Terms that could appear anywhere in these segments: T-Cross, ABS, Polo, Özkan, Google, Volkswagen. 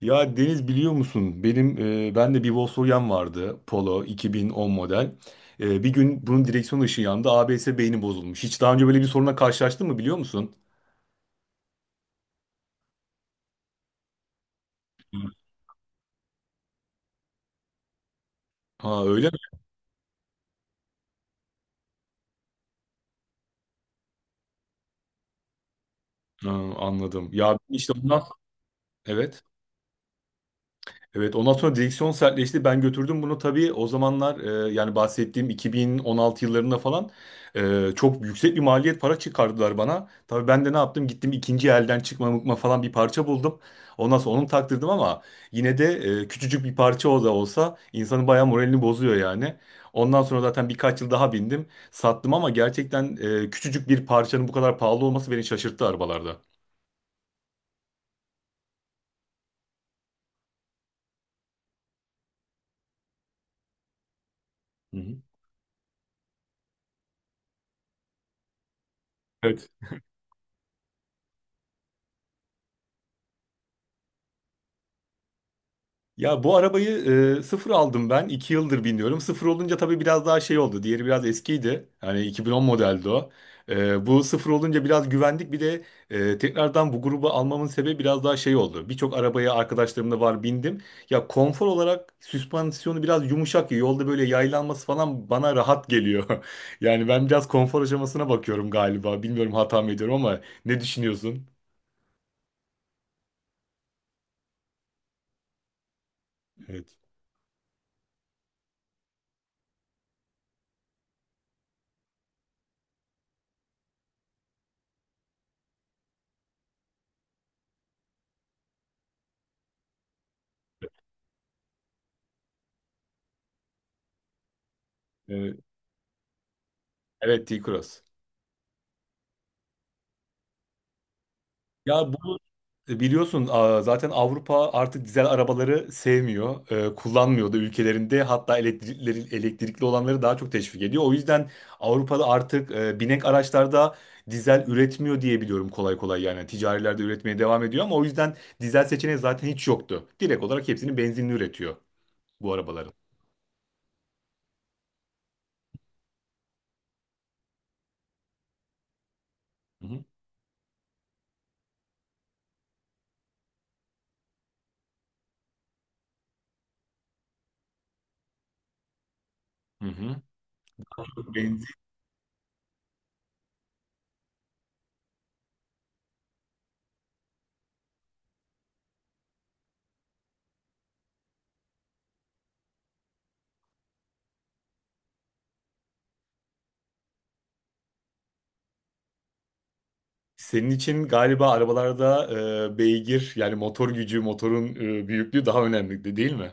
Ya Deniz biliyor musun? Benim ben de bir Volkswagen vardı Polo 2010 model. Bir gün bunun direksiyon ışığı yandı. ABS beyni bozulmuş. Hiç daha önce böyle bir soruna karşılaştın mı biliyor musun? Hı. Ha öyle mi? Ha, anladım. Ya işte ondan evet. Evet ondan sonra direksiyon sertleşti. Ben götürdüm bunu tabii o zamanlar yani bahsettiğim 2016 yıllarında falan çok yüksek bir maliyet para çıkardılar bana. Tabii ben de ne yaptım gittim ikinci elden çıkma mıkma falan bir parça buldum. Ondan sonra onu taktırdım ama yine de küçücük bir parça o da olsa insanın bayağı moralini bozuyor yani. Ondan sonra zaten birkaç yıl daha bindim sattım ama gerçekten küçücük bir parçanın bu kadar pahalı olması beni şaşırttı arabalarda. Hı hı. Evet. Ya bu arabayı sıfır aldım ben. 2 yıldır biniyorum. Sıfır olunca tabii biraz daha şey oldu. Diğeri biraz eskiydi. Hani 2010 modeldi o. Bu sıfır olunca biraz güvendik. Bir de tekrardan bu grubu almamın sebebi biraz daha şey oldu. Birçok arabaya arkadaşlarımla var bindim. Ya konfor olarak süspansiyonu biraz yumuşak. Ya. Yolda böyle yaylanması falan bana rahat geliyor. Yani ben biraz konfor aşamasına bakıyorum galiba. Bilmiyorum hata mı ediyorum ama ne düşünüyorsun? Evet. Evet, evet T-Cross. Ya bu biliyorsun zaten Avrupa artık dizel arabaları sevmiyor, kullanmıyor da ülkelerinde hatta elektrikli, elektrikli olanları daha çok teşvik ediyor. O yüzden Avrupa'da artık binek araçlarda dizel üretmiyor diye biliyorum kolay kolay yani ticarilerde üretmeye devam ediyor ama o yüzden dizel seçeneği zaten hiç yoktu. Direkt olarak hepsini benzinli üretiyor bu arabaların. Hı hı. Hı hı. Benzin. Senin için galiba arabalarda beygir yani motor gücü, motorun büyüklüğü daha önemli değil mi?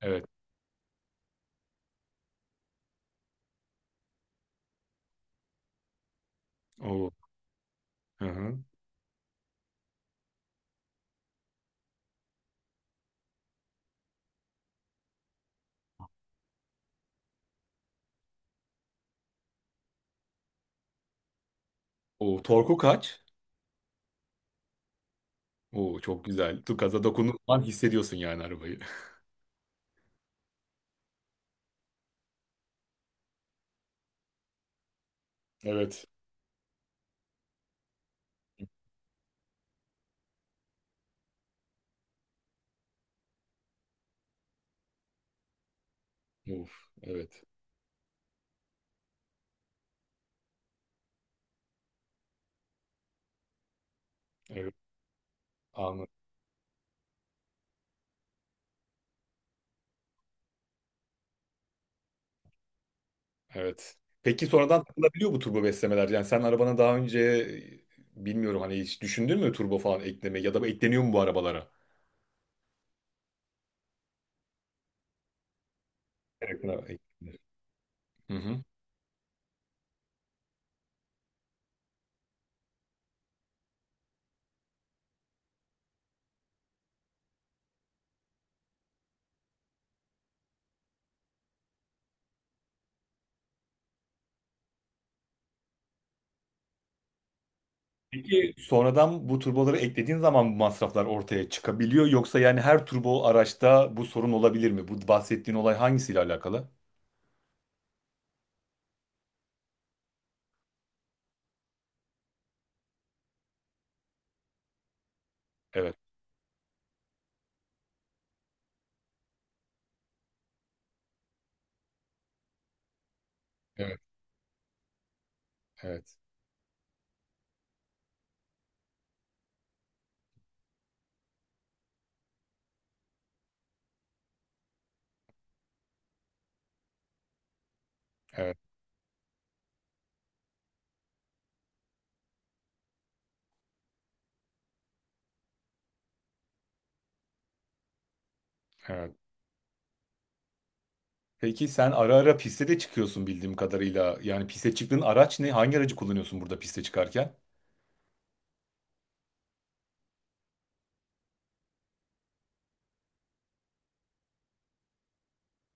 Evet. Oo. Hı hı. O torku kaç? Oo, çok güzel. Tu gaza dokunduğun an hissediyorsun yani arabayı. Evet. Uf, evet. Evet. Anladım. Evet. Peki sonradan takılabiliyor bu turbo beslemeler. Yani sen arabana daha önce bilmiyorum hani hiç düşündün mü turbo falan eklemeyi ya da bu ekleniyor mu bu arabalara? Evet. Evet, eklenir. Hı hı. Peki sonradan bu turboları eklediğin zaman bu masraflar ortaya çıkabiliyor yoksa yani her turbo araçta bu sorun olabilir mi? Bu bahsettiğin olay hangisiyle alakalı? Evet. Evet. Evet. Evet. Evet. Peki sen ara ara piste de çıkıyorsun bildiğim kadarıyla. Yani piste çıktığın araç ne? Hangi aracı kullanıyorsun burada piste çıkarken?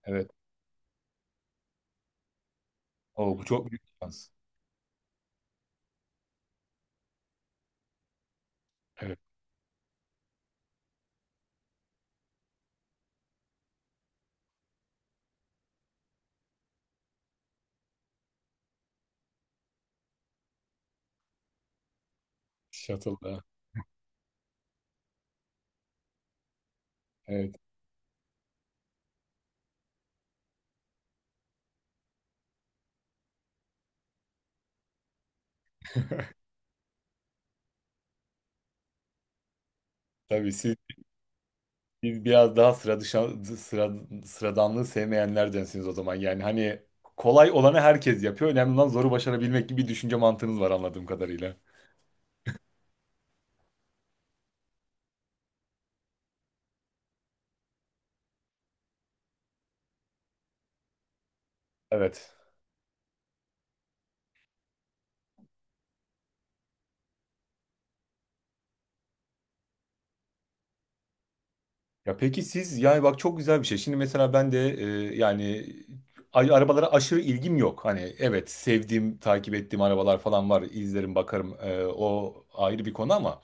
Evet. Oo, bu çok büyük bir şans. Evet. Shuttle'da. Evet. Tabii siz, biraz daha sıra dışı, sıra, sıradanlığı sevmeyenlerdensiniz o zaman. Yani hani kolay olanı herkes yapıyor. Önemli olan zoru başarabilmek gibi bir düşünce mantığınız var anladığım kadarıyla. Evet. Ya peki siz yani bak çok güzel bir şey. Şimdi mesela ben de yani arabalara aşırı ilgim yok. Hani evet sevdiğim, takip ettiğim arabalar falan var. İzlerim, bakarım. O ayrı bir konu ama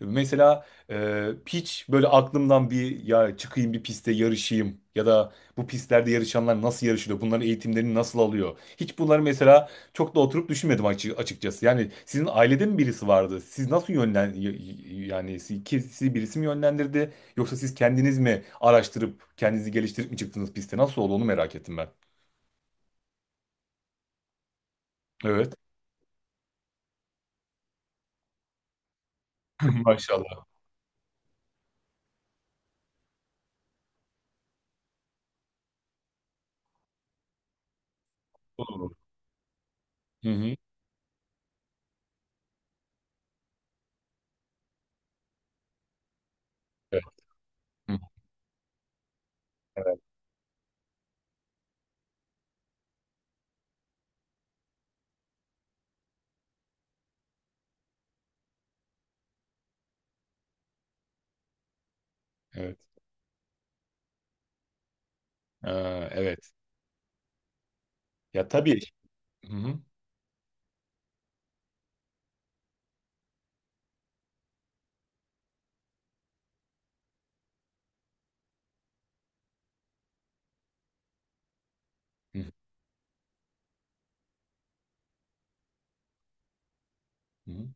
mesela hiç böyle aklımdan bir ya çıkayım bir piste yarışayım ya da bu pistlerde yarışanlar nasıl yarışıyor? Bunların eğitimlerini nasıl alıyor? Hiç bunları mesela çok da oturup düşünmedim açıkçası. Yani sizin ailede mi birisi vardı? Siz nasıl yani sizi birisi mi yönlendirdi? Yoksa siz kendiniz mi araştırıp kendinizi geliştirip mi çıktınız piste? Nasıl oldu onu merak ettim ben. Evet. Maşallah. Olur. Hı hı. Evet. Hı. Evet. Evet. Ee, evet. Ya tabii. Hı hı. Hı hı.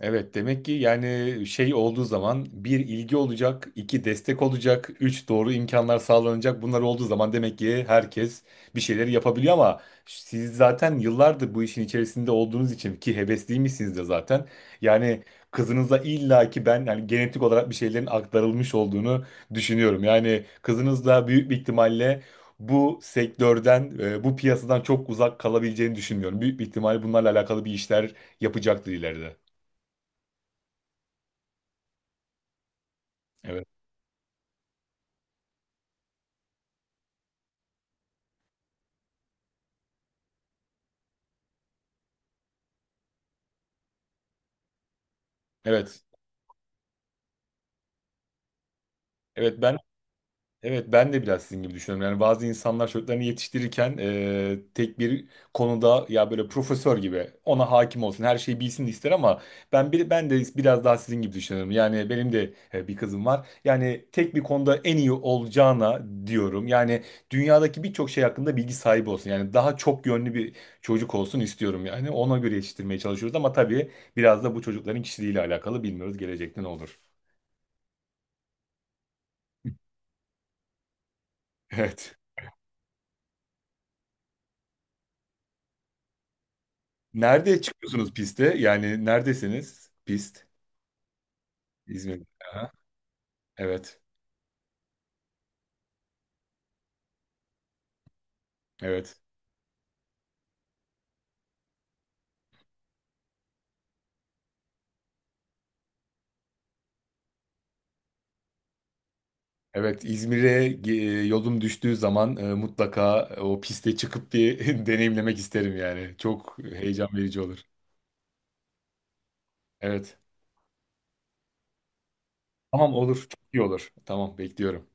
Evet demek ki yani şey olduğu zaman bir ilgi olacak, iki destek olacak, üç doğru imkanlar sağlanacak. Bunlar olduğu zaman demek ki herkes bir şeyleri yapabiliyor ama siz zaten yıllardır bu işin içerisinde olduğunuz için ki hevesliymişsiniz de zaten. Yani kızınıza illa ki ben yani genetik olarak bir şeylerin aktarılmış olduğunu düşünüyorum. Yani kızınız da büyük bir ihtimalle bu sektörden, bu piyasadan çok uzak kalabileceğini düşünmüyorum. Büyük bir ihtimalle bunlarla alakalı bir işler yapacaktır ileride. Evet. Evet. Evet ben evet, ben de biraz sizin gibi düşünüyorum. Yani bazı insanlar çocuklarını yetiştirirken tek bir konuda ya böyle profesör gibi ona hakim olsun, her şeyi bilsin ister ama ben de biraz daha sizin gibi düşünüyorum. Yani benim de bir kızım var. Yani tek bir konuda en iyi olacağına diyorum. Yani dünyadaki birçok şey hakkında bilgi sahibi olsun. Yani daha çok yönlü bir çocuk olsun istiyorum yani. Ona göre yetiştirmeye çalışıyoruz ama tabii biraz da bu çocukların kişiliğiyle alakalı bilmiyoruz gelecekte ne olur. Evet. Nerede çıkıyorsunuz piste? Yani neredesiniz? Pist. İzmir. Aha, evet. Evet. Evet. İzmir'e yolum düştüğü zaman mutlaka o piste çıkıp bir deneyimlemek isterim yani. Çok heyecan verici olur. Evet. Tamam olur. Çok iyi olur. Tamam bekliyorum.